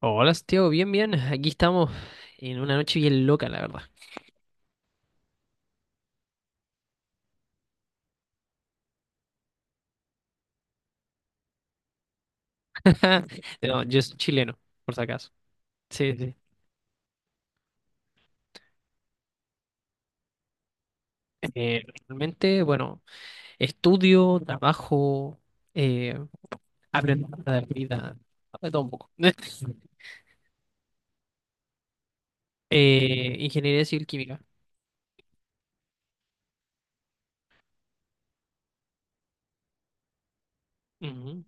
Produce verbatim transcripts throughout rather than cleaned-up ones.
Hola, Santiago, bien, bien. Aquí estamos en una noche bien loca, la verdad. No, yo soy chileno, por si acaso. Sí, sí. Eh, realmente, bueno, estudio, trabajo, eh, aprendo de la vida, de todo un poco. Eh, ingeniería civil química. Ujú.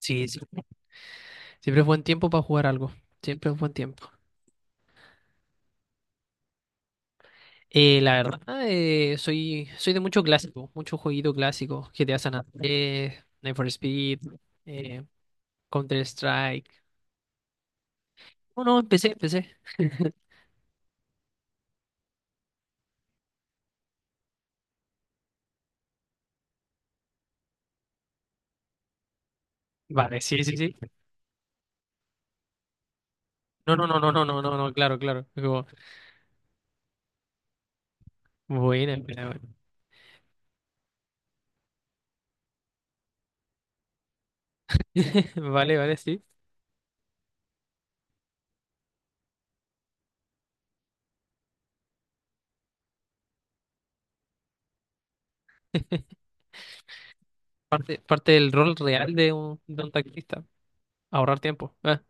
Sí, sí. Siempre es buen tiempo para jugar algo. Siempre es buen tiempo. Eh, la verdad, eh, soy, soy de mucho clásico, mucho jueguito clásico. G T A San Andrés, Need for Speed, eh, Counter Strike. No, no, empecé, empecé. Vale, sí, sí, sí. No, no, no, no, no, no, no, no, claro, claro. Es Como, buena, buena, buena. Vale, vale, sí. Parte, parte del rol real de un, de un taxista. Ahorrar tiempo. Ah,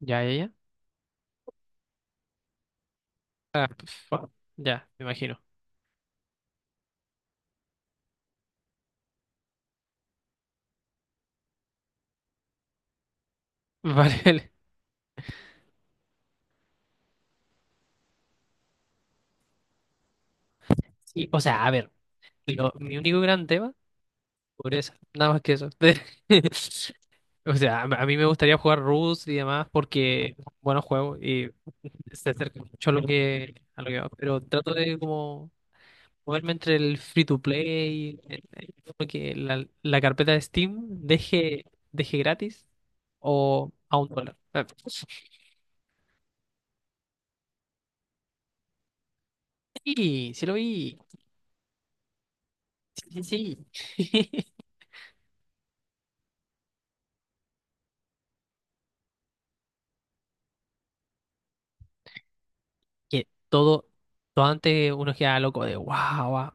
ya, ya, ya. Ah, pf, bueno, ya, me imagino. Vale, vale. Sí, o sea, a ver, lo- mi único gran tema, pobreza, nada más que eso. O sea, a a mí me gustaría jugar Rust y demás porque, bueno, juego y se acerca mucho a lo que, a lo que va, pero trato de como moverme entre el free to play, el- el- como que la, la carpeta de Steam deje, deje gratis o a un dólar. Ah, sí, sí lo vi. Sí, sí, sí. Que todo, todo antes uno queda loco de wow, wow".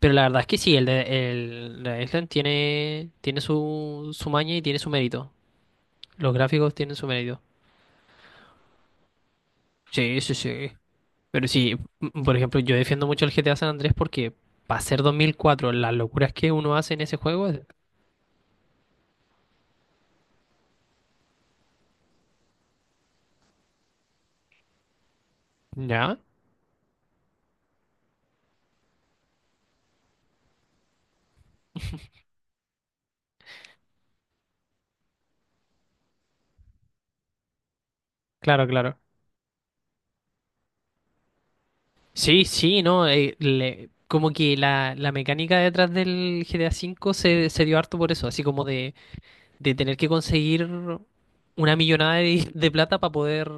Pero la verdad es que sí, el de el, de Island tiene, tiene su, su maña y tiene su mérito. Los gráficos tienen su mérito. Sí, sí, sí. Pero sí, m- por ejemplo, yo defiendo mucho el G T A San Andrés porque para ser dos mil cuatro, las locuras que uno hace en ese juego, ya, claro, claro. Sí, sí, no, eh, le- como que la, la mecánica detrás del G T A cinco se, se dio harto por eso, así como de, de tener que conseguir una millonada de, de plata para poder,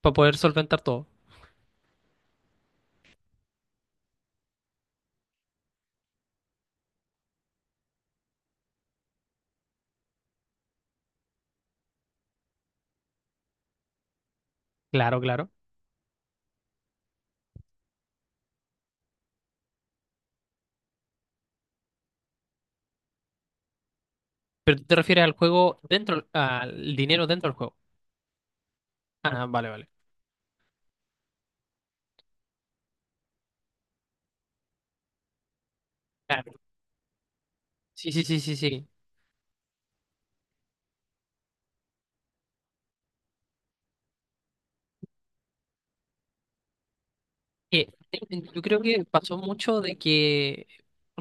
para poder solventar todo. Claro, claro. Pero tú te refieres al juego dentro, al dinero dentro del juego. Ah, vale, vale. Ah, sí, sí, sí, sí, sí. Eh, yo creo que pasó mucho de que,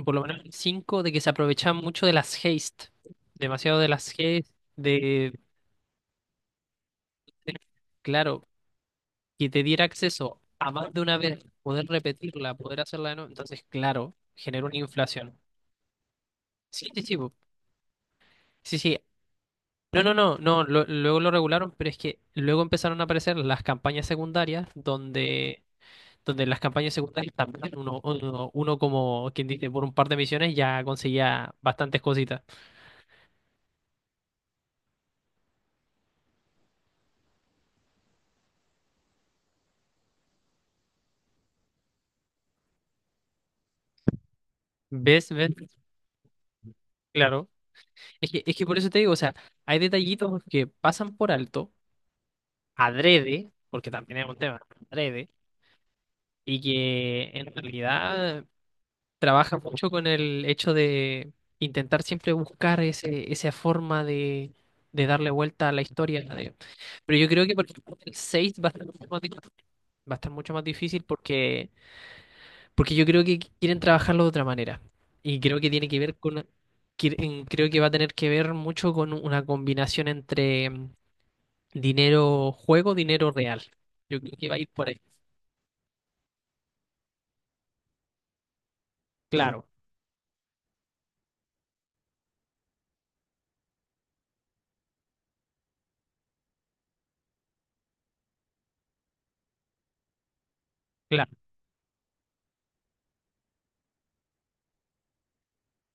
por lo menos en el de que se aprovechan mucho de las haste, demasiado de las haste, de, de- claro, que te diera acceso a más de una vez, poder repetirla, poder hacerla de nuevo, entonces, claro, generó una inflación. Sí, sí, sí, po. Sí, sí. No, no, no, no, lo- luego lo regularon, pero es que luego empezaron a aparecer las campañas secundarias donde donde las campañas secundarias también uno, uno, uno como quien dice, por un par de misiones ya conseguía bastantes cositas. ¿Ves? ¿Ves? Claro. Es que, es que por eso te digo, o sea, hay detallitos que pasan por alto, adrede, porque también es un tema, adrede, y que en realidad trabaja mucho con el hecho de intentar siempre buscar ese, esa forma de, de darle vuelta a la historia. de- Pero yo creo que, por ejemplo, el seis va a estar mucho más difícil, va a estar mucho más difícil porque Porque yo creo que quieren trabajarlo de otra manera. Y creo que tiene que ver con, que- creo que va a tener que ver mucho con una combinación entre mm, dinero juego, dinero real. Yo creo que va a ir por ahí. Claro, claro.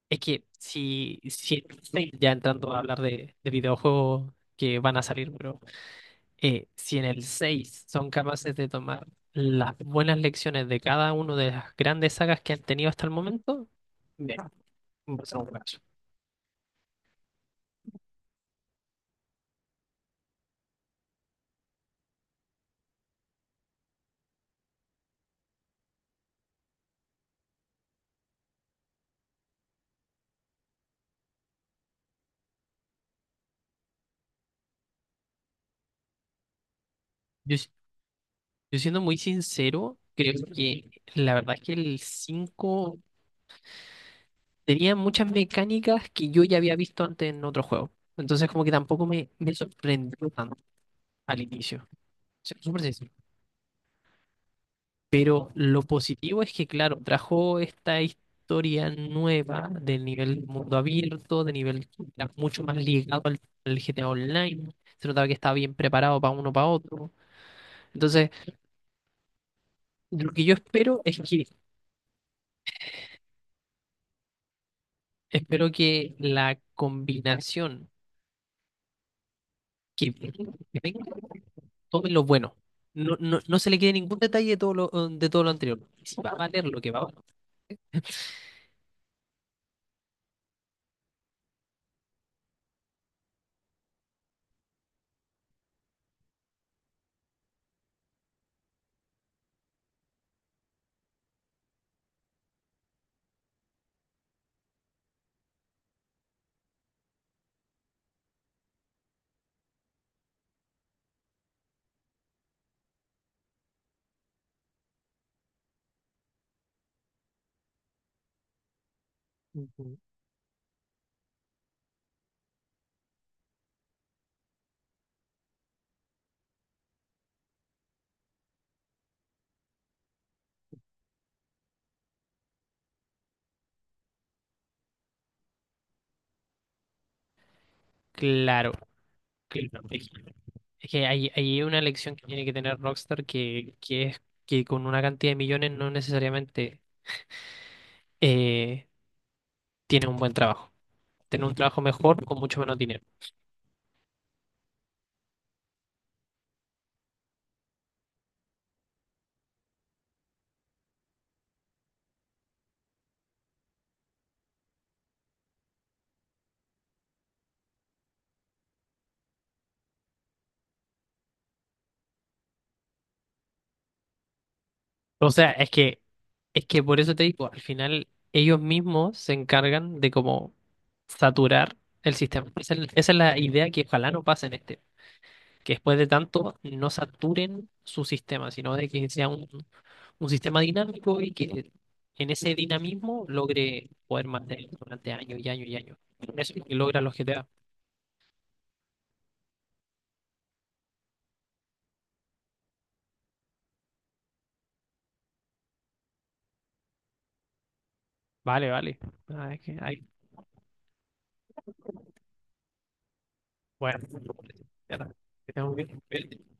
Es que si, si en ya entrando a hablar de, de videojuegos que van a salir, pero eh, si en el seis son capaces de tomar las buenas lecciones de cada una de las grandes sagas que han tenido hasta el momento, bien, va a ser un juegazo. Yo Yo siendo muy sincero, creo que la verdad es que el cinco tenía muchas mecánicas que yo ya había visto antes en otro juego. Entonces como que tampoco me, me sorprendió tanto al inicio. Sí, súper sencillo. Pero lo positivo es que, claro, trajo esta historia nueva del nivel mundo abierto, de nivel que era mucho más ligado al, al, G T A Online. Se notaba que estaba bien preparado para uno para otro. Entonces, lo que yo espero es que Espero que la combinación que, que venga, tomen lo bueno. No, no, no se le quede ningún detalle de todo lo, eh, de todo lo anterior. Si va a valer lo que va a valer. Ujú. Claro, claro. Es que es que hay, hay una lección que tiene que tener Rockstar que, que es que con una cantidad de millones no necesariamente eh, tiene un buen trabajo. Tiene un trabajo mejor con mucho menos dinero. O sea, es que, es que por eso te digo, al final ellos mismos se encargan de como saturar el sistema. Esa es, esa es la idea que ojalá no pase en este. Que después de tanto no saturen su sistema, sino de que sea un, un sistema dinámico y que en ese dinamismo logre poder mantener durante años y años y años. Eso es lo que logra los G T A. Vale, vale. Ah, es que hay- bueno, ya está. Que estemos bien.